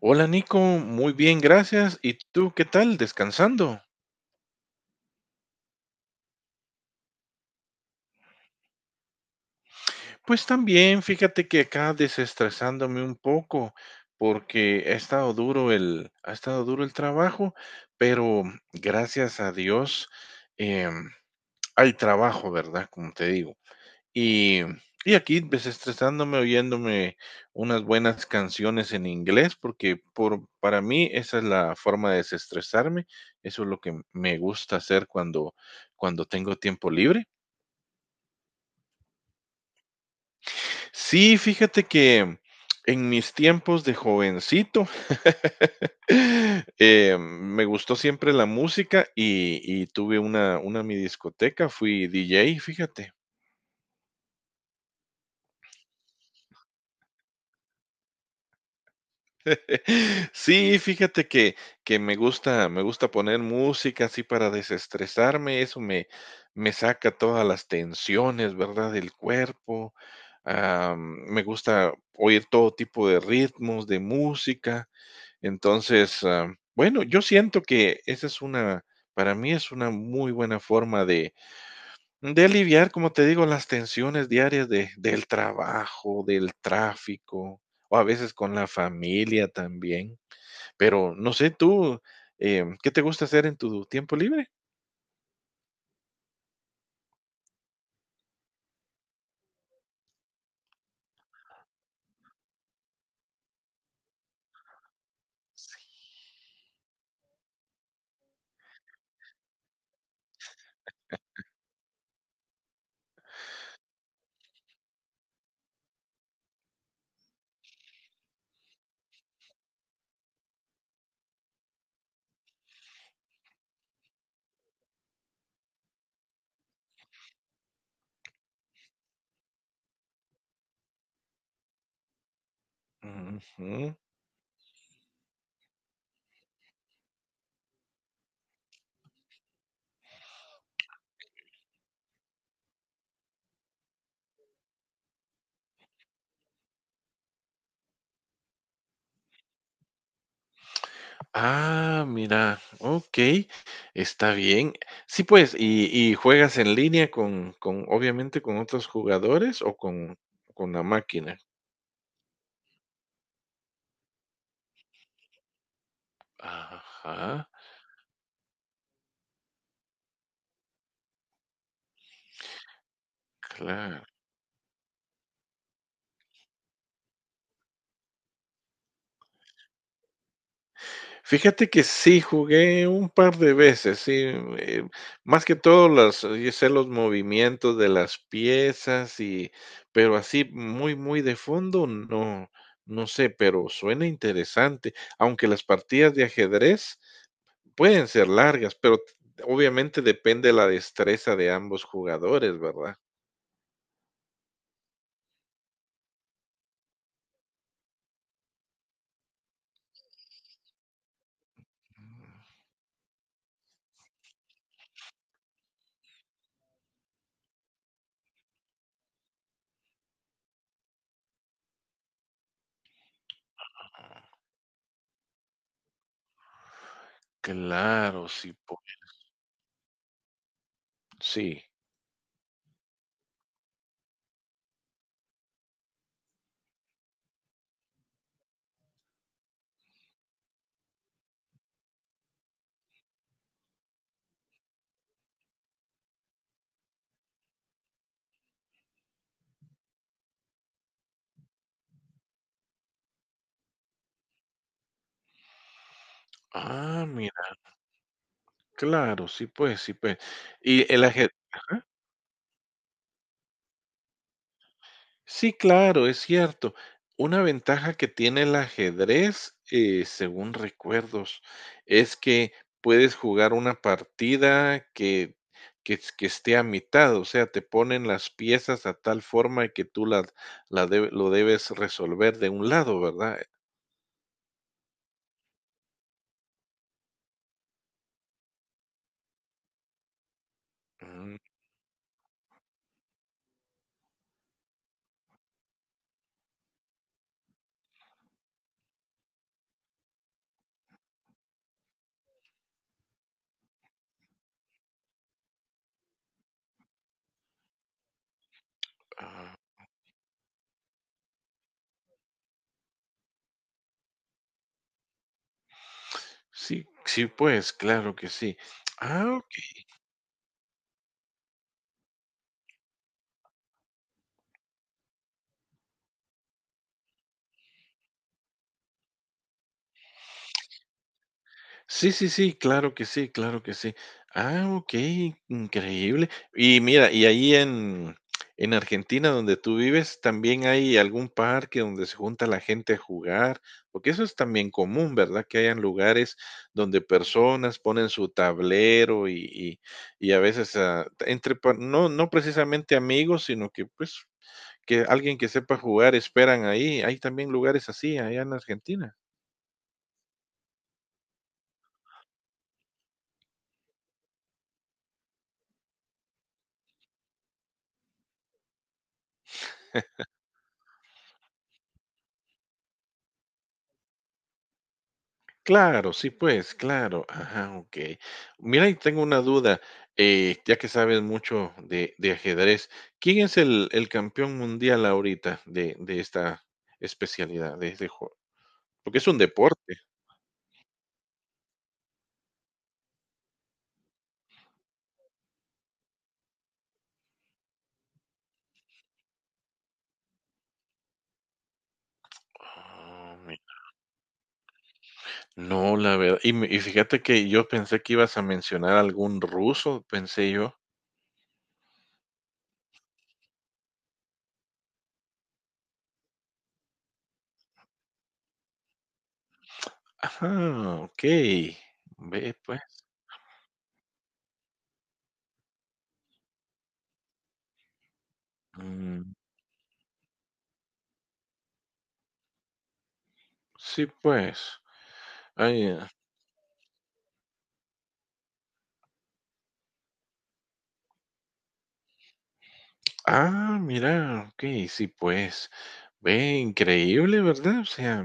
Hola Nico, muy bien, gracias. ¿Y tú qué tal? ¿Descansando? Pues también, fíjate que acá desestresándome un poco, porque ha estado duro el trabajo, pero gracias a Dios, em, hay trabajo, ¿verdad? Como te digo. Y, y aquí desestresándome, oyéndome unas buenas canciones en inglés, para mí esa es la forma de desestresarme. Eso es lo que me gusta hacer cuando tengo tiempo libre. Sí, fíjate que en mis tiempos de jovencito me gustó siempre la música y tuve una mi discoteca, fui DJ, fíjate. Sí, fíjate que me gusta poner música así para desestresarme, eso me saca todas las tensiones, ¿verdad?, del cuerpo. Me gusta oír todo tipo de ritmos, de música. Entonces, bueno, yo siento que esa es una para mí es una muy buena forma de aliviar, como te digo, las tensiones diarias de del trabajo, del tráfico, o a veces con la familia también. Pero no sé, tú, ¿qué te gusta hacer en tu tiempo libre? Ujú. Ah, mira, okey, está bien. Sí, pues, ¿y juegas en línea con obviamente con otros jugadores o con la máquina? Ajá, claro. Fíjate que sí, jugué un par de veces, sí. eh, Más que todo las yo sé los movimientos de las piezas y pero así muy de fondo, no, no sé, pero suena interesante, aunque las partidas de ajedrez pueden ser largas, pero obviamente depende de la destreza de ambos jugadores, ¿verdad? Claro, sí, pues, sí. Ah, mira, claro, sí, pues, sí, pues. Y el aje Sí, claro, es cierto. Una ventaja que tiene el ajedrez, según recuerdos, es que puedes jugar una partida que esté a mitad, o sea, te ponen las piezas a tal forma que lo debes resolver de un lado, ¿verdad? Mm, ah, sí, sí, pues, claro que sí. Ah, sí, sí, sí, claro que sí, claro que sí. Ah, okey, increíble. Y mira, y ahí en Argentina, donde tú vives, ¿también hay algún parque donde se junta la gente a jugar? Porque eso es también común, ¿verdad? Que hayan lugares donde personas ponen su tablero y y a veces, ah, entre pa no precisamente amigos, sino que, pues, que alguien que sepa jugar esperan ahí. ¿Hay también lugares así allá en Argentina? Claro, sí, pues, claro. Ajá, okey. Mira, y tengo una duda, ya que sabes mucho de ajedrez, ¿quién es el campeón mundial ahorita de esta especialidad, de este juego? Porque es un deporte. Ah, mi No, la verdad, y fíjate que yo pensé que ibas a mencionar algún ruso, pensé yo. Ajá, okey. Ve, pues. Mm, sí, pues. Ay. Ah, mira, ok, sí, pues, ve, increíble, ¿verdad? O sea,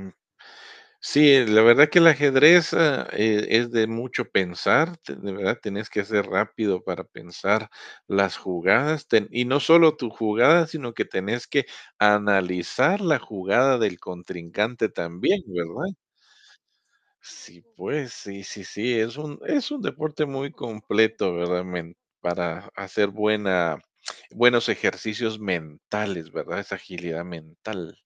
sí, la verdad que el ajedrez, es de mucho pensar. De verdad, tenés que ser rápido para pensar las jugadas, y no solo tu jugada, sino que tenés que analizar la jugada del contrincante también, ¿verdad? Sí, pues, sí, sí, sí, es un deporte muy completo, ¿verdad? Para hacer buenos ejercicios mentales, ¿verdad? Esa agilidad mental.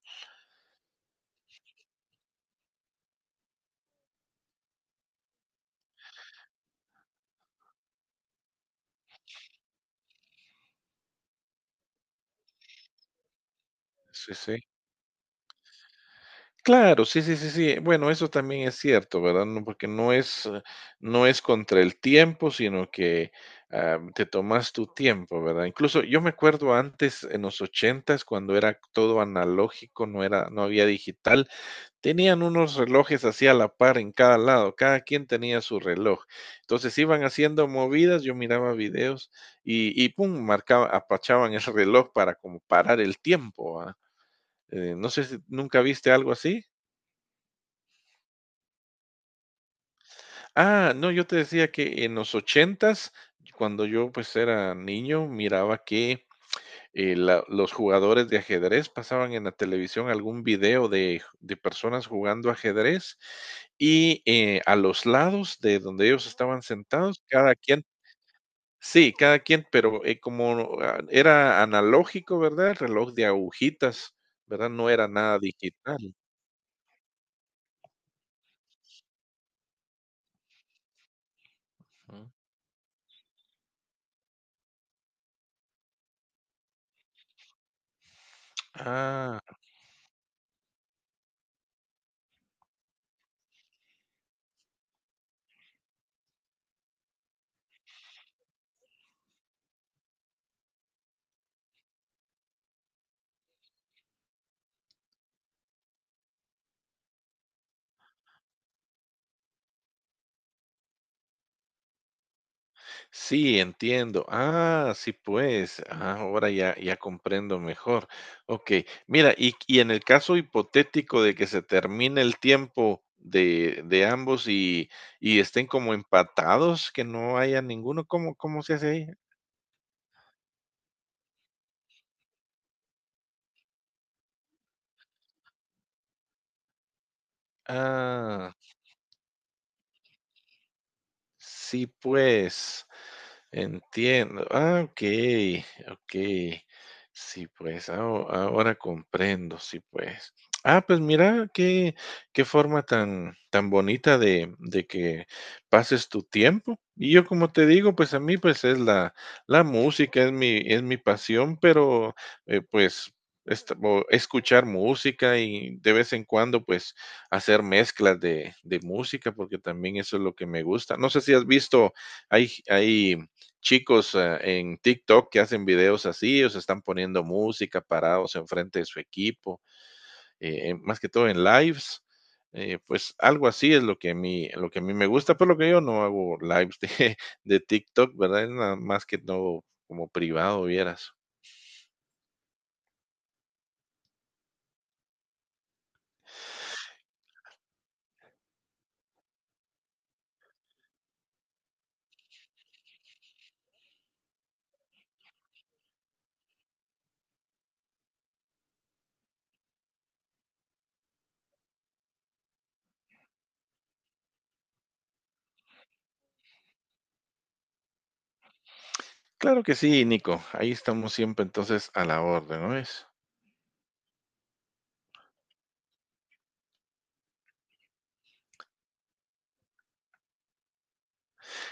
Sí, sí. Claro, sí, sí, sí, sí. Bueno, eso también es cierto, ¿verdad? No, porque no es, no es contra el tiempo, sino que ah, te tomas tu tiempo, ¿verdad? Incluso yo me acuerdo antes, en los ochentas, cuando era todo analógico, no había digital. Tenían unos relojes así a la par en cada lado, cada quien tenía su reloj. Entonces iban haciendo movidas, yo miraba videos y pum, marcaba apachaban el reloj para como parar el tiempo, ¿verdad? No sé si ¿nunca viste algo así? Ah, no, yo te decía que en los ochentas, cuando yo, pues, era niño, miraba que los jugadores de ajedrez pasaban en la televisión algún video de personas jugando ajedrez y a los lados de donde ellos estaban sentados, cada quien, sí, cada quien, pero como ah, era analógico, ¿verdad? El reloj de agujitas, ¿verdad? No era nada digital. Ujú. Ah, sí, entiendo. Ah, sí, pues. Ah, ya comprendo mejor. Ok, mira, y en el caso hipotético de que se termine el tiempo de ambos y estén como empatados, que no haya ninguno, ¿ cómo se hace ahí? Ah, sí, pues. Entiendo. Ah, okey, ok. Sí, pues, ahora comprendo, sí, pues. Ah, pues mira, qué forma tan tan bonita de que pases tu tiempo. Y yo, como te digo, pues, a mí, pues, es la música, es mi pasión, pero, pues, est o escuchar música y de vez en cuando, pues, hacer mezclas de música, porque también eso es lo que me gusta. No sé si has visto, hay chicos en TikTok que hacen videos así, o se están poniendo música parados enfrente de su equipo, más que todo en lives. Pues algo así es lo que a mí, lo que a mí me gusta. Por lo que yo no hago lives de de TikTok, ¿verdad? Es nada más que todo como privado, vieras. Claro que sí, Nico. Ahí estamos siempre entonces a la orden, ¿no es?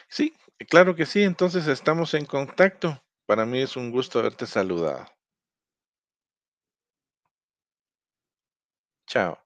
Sí, claro que sí. Entonces estamos en contacto. Para mí es un gusto haberte saludado. Chao.